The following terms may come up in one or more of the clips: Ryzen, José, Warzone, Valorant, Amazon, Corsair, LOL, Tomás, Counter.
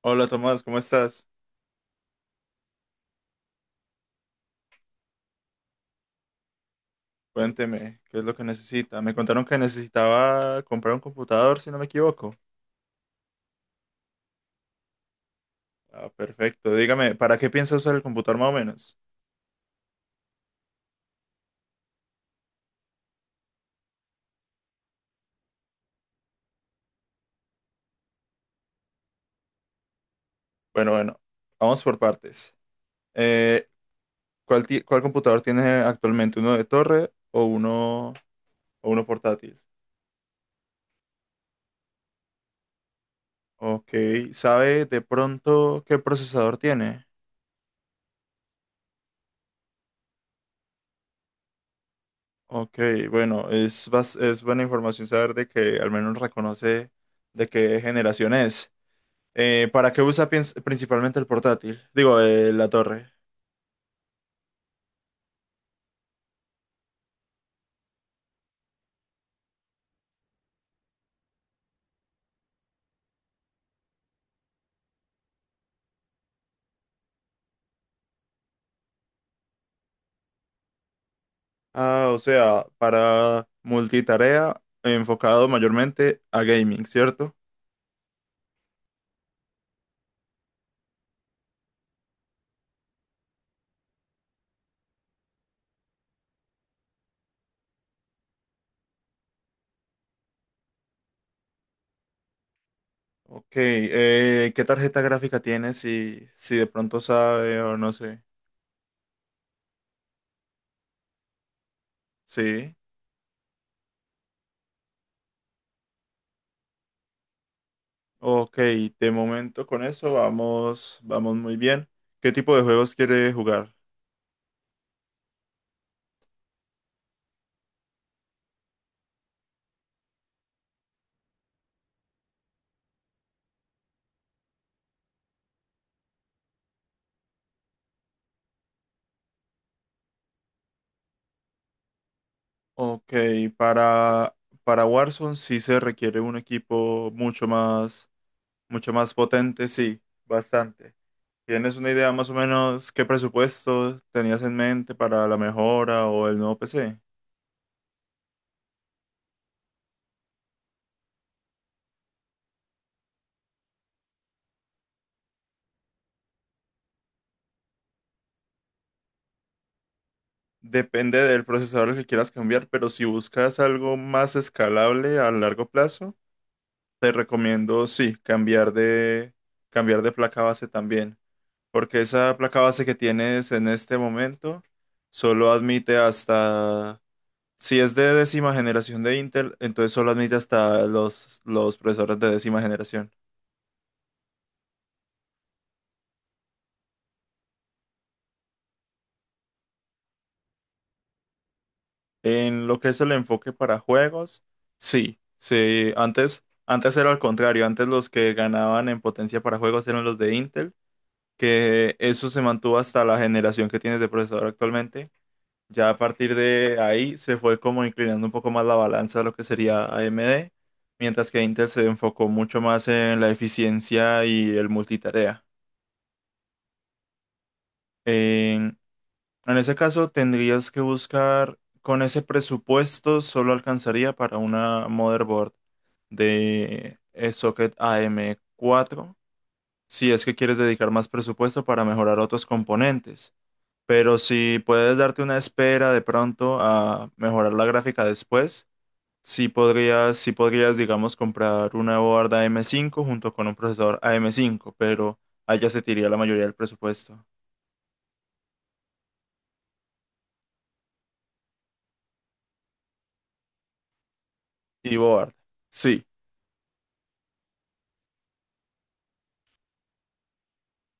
Hola Tomás, ¿cómo estás? Cuénteme, ¿qué es lo que necesita? Me contaron que necesitaba comprar un computador, si no me equivoco. Ah, perfecto. Dígame, ¿para qué piensa usar el computador más o menos? Bueno, bueno, vamos por partes. Eh, cuál computador tiene actualmente? ¿Uno de torre o uno portátil? Ok, ¿sabe de pronto qué procesador tiene? Ok, bueno, es buena información saber de que al menos reconoce de qué generación es. ¿Para qué principalmente el portátil? Digo, la torre. Ah, o sea, para multitarea, enfocado mayormente a gaming, ¿cierto? Ok, ¿Qué tarjeta gráfica tiene? Si de pronto sabe o no sé. Sí, ok, de momento con eso vamos muy bien. ¿Qué tipo de juegos quiere jugar? Ok, para, para Warzone sí se requiere un equipo mucho más potente, sí, bastante. ¿Tienes una idea más o menos qué presupuesto tenías en mente para la mejora o el nuevo PC? Depende del procesador que quieras cambiar, pero si buscas algo más escalable a largo plazo, te recomiendo sí, cambiar de placa base también, porque esa placa base que tienes en este momento solo admite hasta si es de décima generación de Intel, entonces solo admite hasta los procesadores de décima generación. En lo que es el enfoque para juegos, sí, sí, antes era al contrario, antes los que ganaban en potencia para juegos eran los de Intel, que eso se mantuvo hasta la generación que tienes de procesador actualmente. Ya a partir de ahí se fue como inclinando un poco más la balanza a lo que sería AMD, mientras que Intel se enfocó mucho más en la eficiencia y el multitarea. En, en ese caso tendrías que buscar, con ese presupuesto solo alcanzaría para una motherboard de socket am cuatro si es que quieres dedicar más presupuesto para mejorar otros componentes. Pero si puedes darte una espera de pronto a mejorar la gráfica después, sí podrías, digamos, comprar una board AM5 junto con un procesador AM5 pero allá se te iría la mayoría del presupuesto. Y board, sí.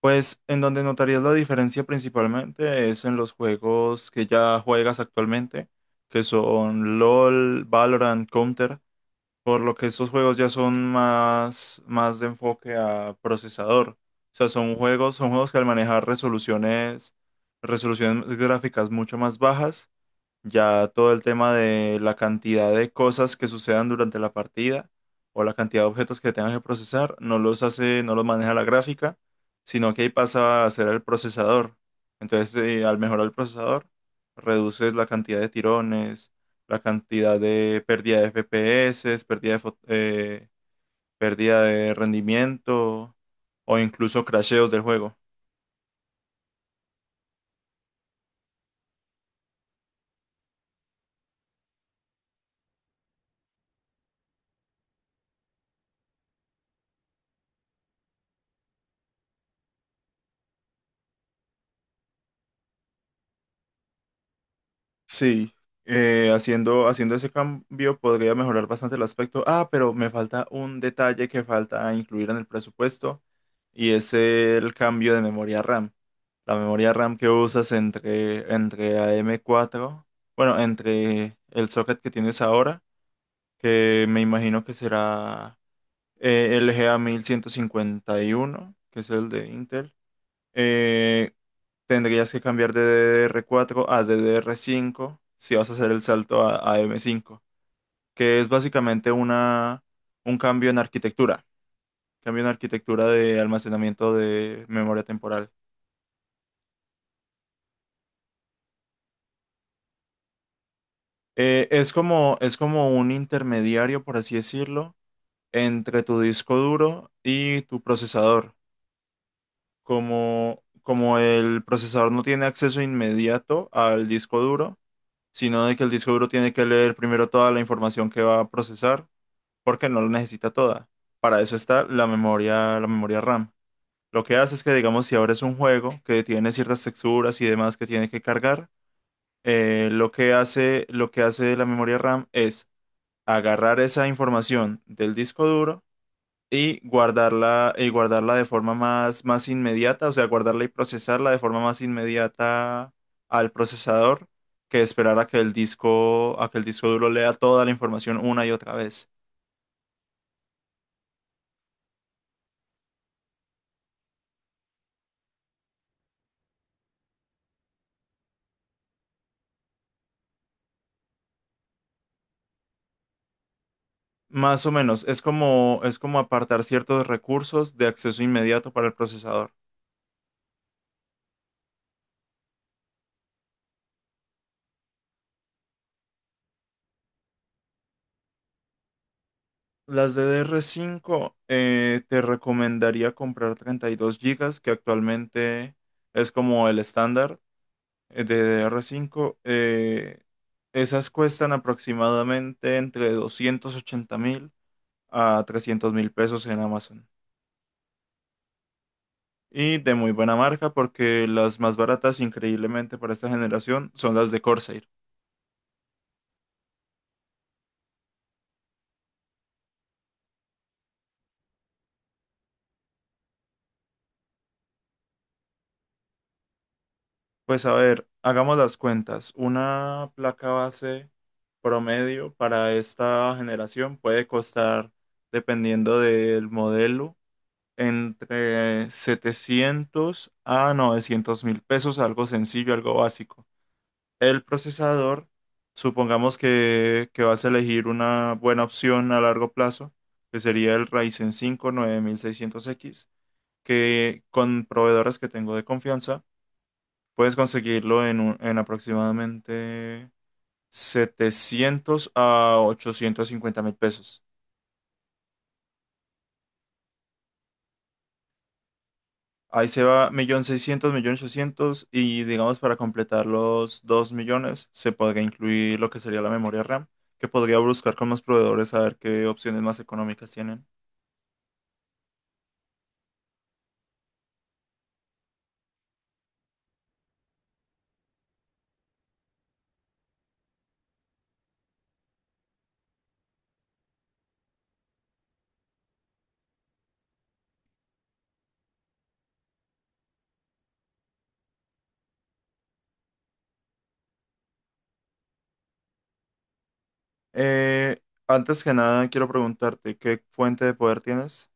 Pues en donde notarías la diferencia principalmente es en los juegos que ya juegas actualmente, que son LOL, Valorant, Counter, por lo que estos juegos ya son más de enfoque a procesador. O sea, son juegos que al manejar resoluciones gráficas mucho más bajas, ya todo el tema de la cantidad de cosas que sucedan durante la partida o la cantidad de objetos que tengas que procesar, no los hace, no los maneja la gráfica, sino que ahí pasa a ser el procesador. Entonces, al mejorar el procesador, reduces la cantidad de tirones, la cantidad de pérdida de FPS, pérdida de rendimiento o incluso crasheos del juego. Sí, haciendo ese cambio podría mejorar bastante el aspecto. Ah, pero me falta un detalle que falta incluir en el presupuesto y es el cambio de memoria RAM. La memoria RAM que usas entre AM4, bueno, entre el socket que tienes ahora, que me imagino que será LGA1151, que es el de Intel. eh, tendrías que cambiar de DDR4 a DDR5 si vas a hacer el salto a, AM5 que es básicamente un cambio en cambio en arquitectura de almacenamiento de memoria temporal. Es como, es como un intermediario, por así decirlo, entre tu disco duro y tu procesador. Como el procesador no tiene acceso inmediato al disco duro, sino de que el disco duro tiene que leer primero toda la información que va a procesar porque no la necesita toda. Para eso está la memoria RAM. Lo que hace es que, digamos, si ahora es un juego que tiene ciertas texturas y demás que tiene que cargar, lo que hace la memoria RAM es agarrar esa información del disco duro y y guardarla de forma más inmediata, o sea, guardarla y procesarla de forma más inmediata al procesador que esperar a que el disco duro lea toda la información una y otra vez. Más o menos, es como apartar ciertos recursos de acceso inmediato para el procesador. Las DDR5 te recomendaría comprar 32 gigas que actualmente es como el estándar de DDR5. Esas cuestan aproximadamente entre 280 mil a 300 mil pesos en Amazon. Y de muy buena marca porque las más baratas, increíblemente para esta generación, son las de Corsair. Pues a ver, hagamos las cuentas. Una placa base promedio para esta generación puede costar, dependiendo del modelo, entre 700 a 900 mil pesos, algo sencillo, algo básico. El procesador, supongamos que vas a elegir una buena opción a largo plazo, que sería el Ryzen 5 9600X que con proveedores que tengo de confianza puedes conseguirlo en aproximadamente 700 a 850 mil pesos. Ahí se va 1.600.000, ochocientos y digamos para completar los 2 millones se podría incluir lo que sería la memoria RAM, que podría buscar con los proveedores a ver qué opciones más económicas tienen. Eh, antes que nada quiero preguntarte, ¿qué fuente de poder tienes?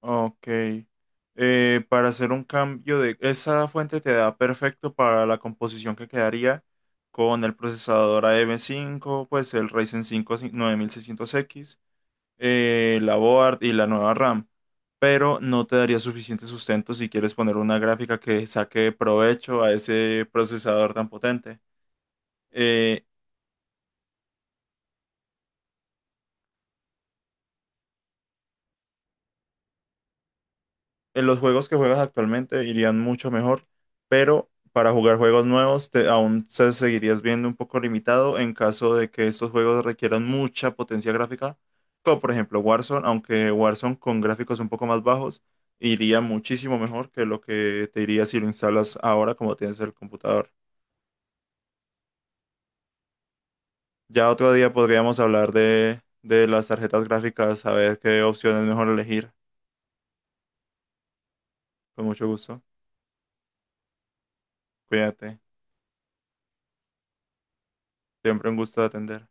Ok. Para hacer un cambio de... Esa fuente te da perfecto para la composición que quedaría con el procesador A. AM5, pues el Ryzen 5 9600X la board y la nueva RAM. Pero no te daría suficiente sustento si quieres poner una gráfica que saque provecho a ese procesador tan potente. Eh, en los juegos que juegas actualmente irían mucho mejor, pero para jugar juegos nuevos aún se seguirías viendo un poco limitado en caso de que estos juegos requieran mucha potencia gráfica, como por ejemplo Warzone, aunque Warzone con gráficos un poco más bajos iría muchísimo mejor que lo que te iría si lo instalas ahora como tienes el computador. Ya otro día podríamos hablar de las tarjetas gráficas, a ver qué opción es mejor elegir. Con mucho gusto. Cuídate. Siempre un gusto de atender.